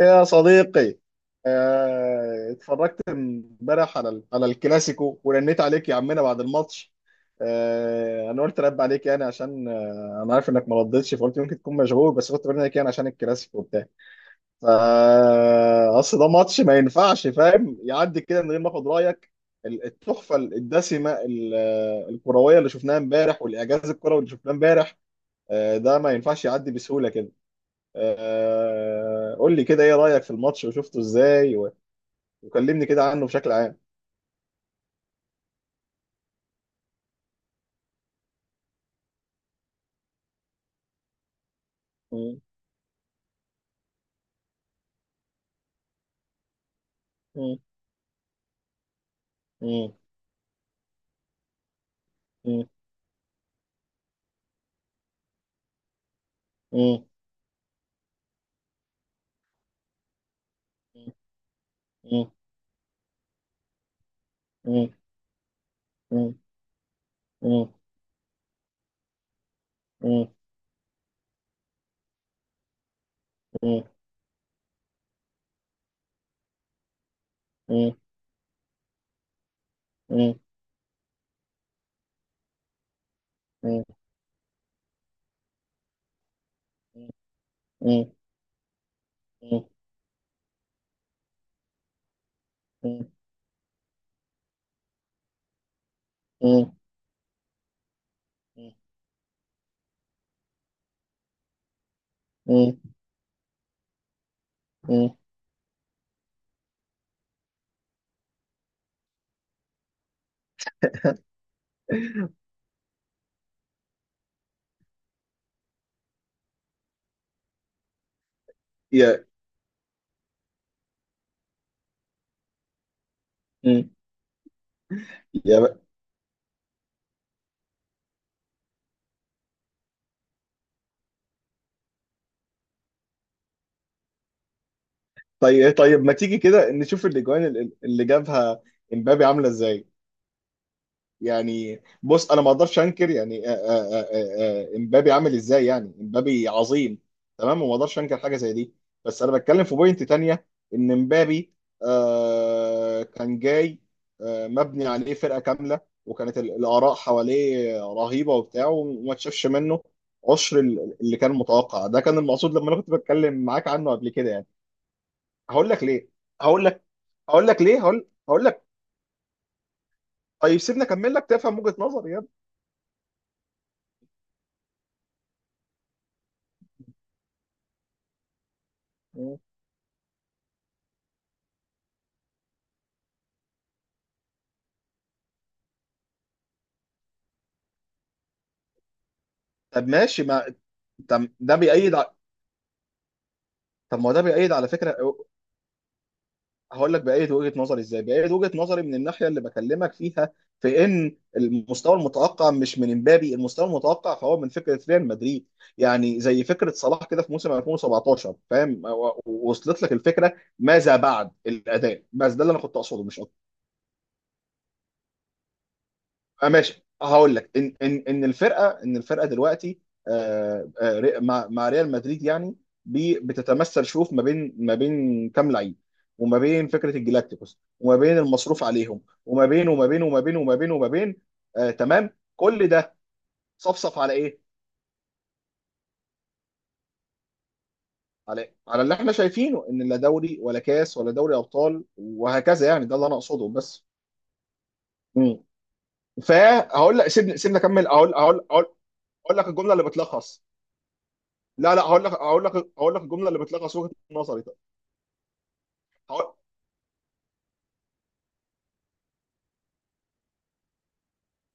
يا صديقي. اتفرجت امبارح على على الكلاسيكو ورنيت عليك يا عمنا بعد الماتش. انا قلت رد عليك يعني عشان انا عارف انك ما ردتش، فقلت يمكن تكون مشغول، بس كنت برن عليك يعني عشان الكلاسيكو وبتاع. فا اصل ده ماتش ما ينفعش فاهم يعدي كده من غير ما اخد رايك. التحفه الدسمه، الكرويه اللي شفناها امبارح، والاعجاز الكروي اللي شفناه امبارح. ده ما ينفعش يعدي بسهوله كده. قول لي كده، ايه رأيك في الماتش وشفته ازاي، وكلمني كده عنه بشكل عام. مم، مم، مم، مم، مم، مم، مم، مم، مم، مم، مم، مم، مم، مم، مم، مم، مم، مم، مم. يا مم. يا ب- طيب، إيه؟ طيب ما تيجي كده نشوف الاجوان اللي جابها امبابي عاملة ازاي. يعني بص، انا ما اقدرش انكر يعني امبابي عامل ازاي. يعني امبابي عظيم، تمام، وما اقدرش انكر حاجه زي دي. بس انا بتكلم في بوينت تانية، ان امبابي كان جاي، مبني عليه فرقه كامله، وكانت الاراء حواليه رهيبه وبتاع، وما تشافش منه عشر اللي كان متوقع. ده كان المقصود لما انا كنت بتكلم معاك عنه قبل كده يعني. هقول لك ليه هقول لك هقول لك ليه. هقول هقول لك طيب سيبني اكمل لك تفهم وجهه نظري يا ابني. طب ماشي ما طب ده بيأيد ع- طب ما هو ده بيأيد على فكرة. هقول لك بأيد وجهة نظري ازاي؟ بأيد وجهة نظري من الناحية اللي بكلمك فيها، في ان المستوى المتوقع مش من امبابي. المستوى المتوقع فهو من فكرة ريال مدريد. يعني زي فكرة صلاح كده في موسم 2017، فاهم؟ وصلت لك الفكرة ماذا بعد الأداء. بس ده اللي انا كنت اقصده مش اكتر. ماشي، هقول لك ان الفرقه دلوقتي مع ريال مدريد يعني. بتتمثل، شوف، ما بين كام لعيب، وما بين فكره الجلاكتيكوس، وما بين المصروف عليهم، وما بين آه تمام. كل ده صفصف على ايه؟ على اللي احنا شايفينه، ان لا دوري ولا كاس ولا دوري ابطال وهكذا. يعني ده اللي انا اقصده بس. مم. فهقول لك سيبني اكمل، اقول اقول لك الجمله اللي بتلخص. لا، لا، هقول لك الجمله اللي بتلخص وجهه نظري، طيب. هقول...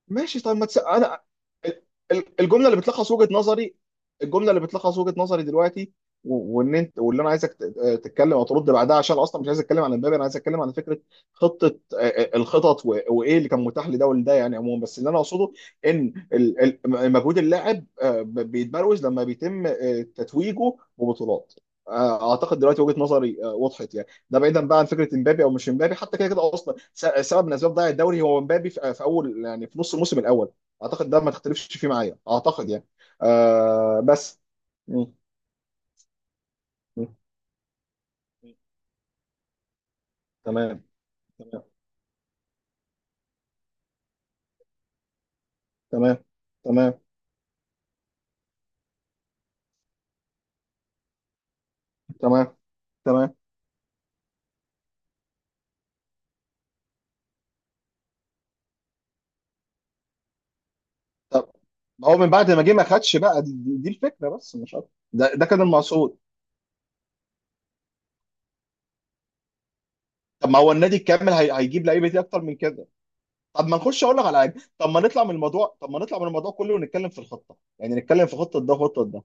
ماشي، طيب، ما تس... انا ال- الجمله اللي بتلخص وجهه نظري. الجمله اللي بتلخص وجهه نظري دلوقتي، وان انت، واللي انا عايزك تتكلم او ترد بعدها، عشان اصلا مش عايز اتكلم عن امبابي. انا عايز اتكلم عن فكره خطه، الخطط، وايه اللي كان متاح لده ولده يعني عموما. بس اللي انا اقصده ان مجهود اللاعب بيتبروز لما بيتم تتويجه ببطولات. اعتقد دلوقتي وجهه نظري وضحت يعني. ده بعيدا بقى عن فكره امبابي او مش امبابي. حتى كده كده اصلا سبب من اسباب ضياع الدوري هو امبابي، في اول يعني في نص الموسم الاول. اعتقد ده ما تختلفش فيه معايا، اعتقد يعني. بس م- م- تمام، تمام، تمام، تمام، تمام، تمام. طب هو من بعد ما جه ما خدش بقى دي الفكره، بس مش اكتر. ده كان المقصود. طب ما هو النادي الكامل هيجيب لعيبه دي اكتر من كده. طب ما نخش اقول لك على حاجه. طب ما نطلع من الموضوع كله، ونتكلم في الخطه يعني. نتكلم في خطه ده وخطه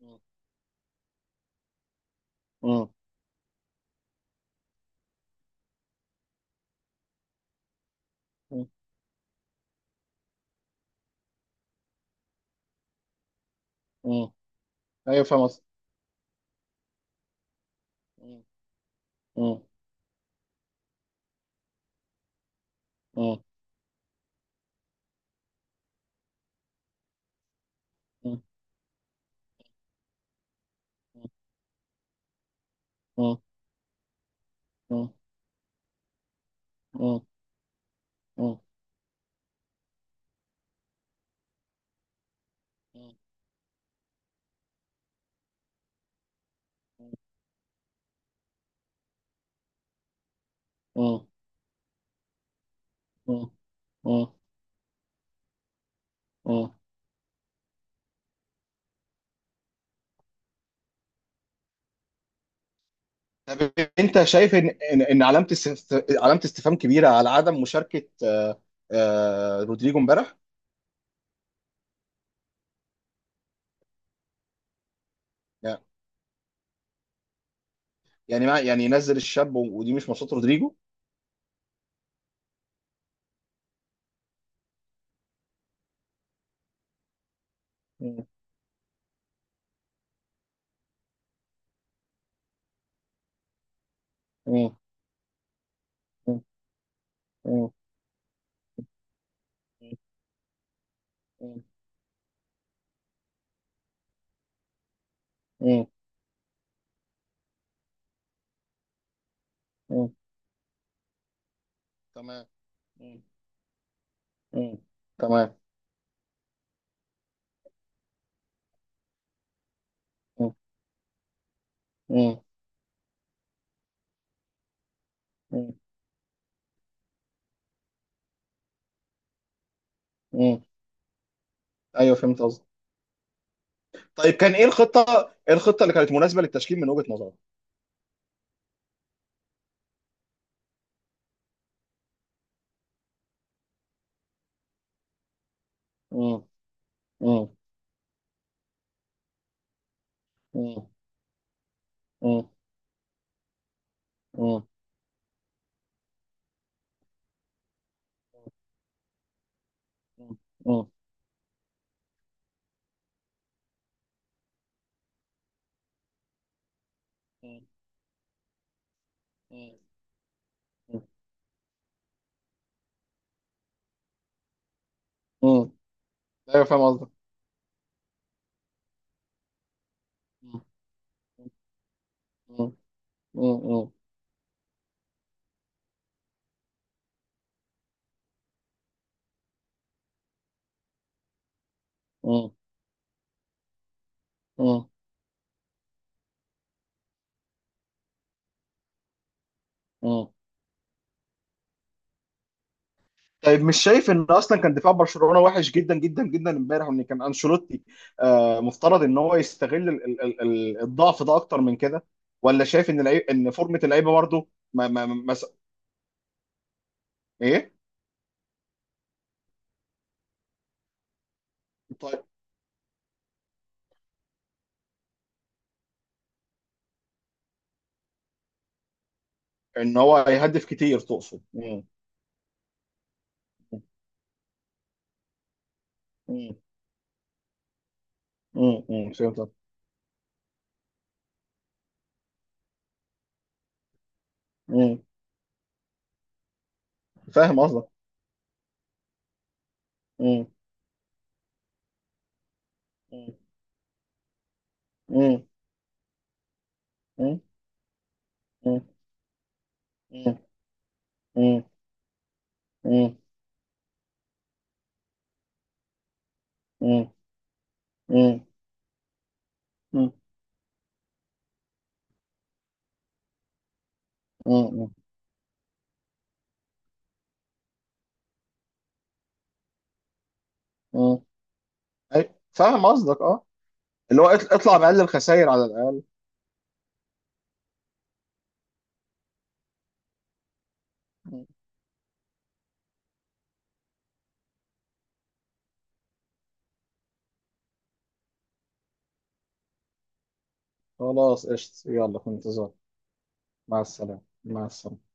ده. مم. مم. مم. ايوه، فاهم قصدي. مم. مم. مم. مم. مم. مم. مم. مم. مم. مم. مم. مم. طب، انت شايف ان علامه استفهام كبيره على عدم مشاركه رودريجو امبارح؟ لا. يعني ما يعني ينزل الشاب، ودي مش ماتشات رودريجو. مم. مم. مم. مم. مم. مم. مم. تمام. مم. مم. تمام. مم. مم. مم. ايوه، فهمت. طيب، كان ايه الخطه؟ اللي كانت مناسبه للتشكيل من وجهه نظرك؟ مم. مم. مم. مم. مم. مم. مم. ايوه، فاهم قصدك. مم. مم. مم. مم. مم. مم. طيب، مش شايف ان اصلا كان دفاع برشلونه وحش جدا جدا جدا امبارح؟ وان كان انشيلوتي مفترض ان هو يستغل الضعف ده اكتر من كده؟ ولا شايف ان العيب ان فورمه اللعيبه برضه؟ ما ما ما ما- ايه. طيب، ان هو هيهدف كتير تقصد؟ مم. مم. مم. مم. فهمت. مم. فاهم قصدك. مم. مم. مم. مم. مم. مم. مم. مم. مم. مم. مم. مم. مم. أي- فاهم قصدك، اه. اللي هو اطلع بأقل الخسائر على الأقل. خلاص، قشط، يلا، في انتظار. مع السلامة، مع السلامة.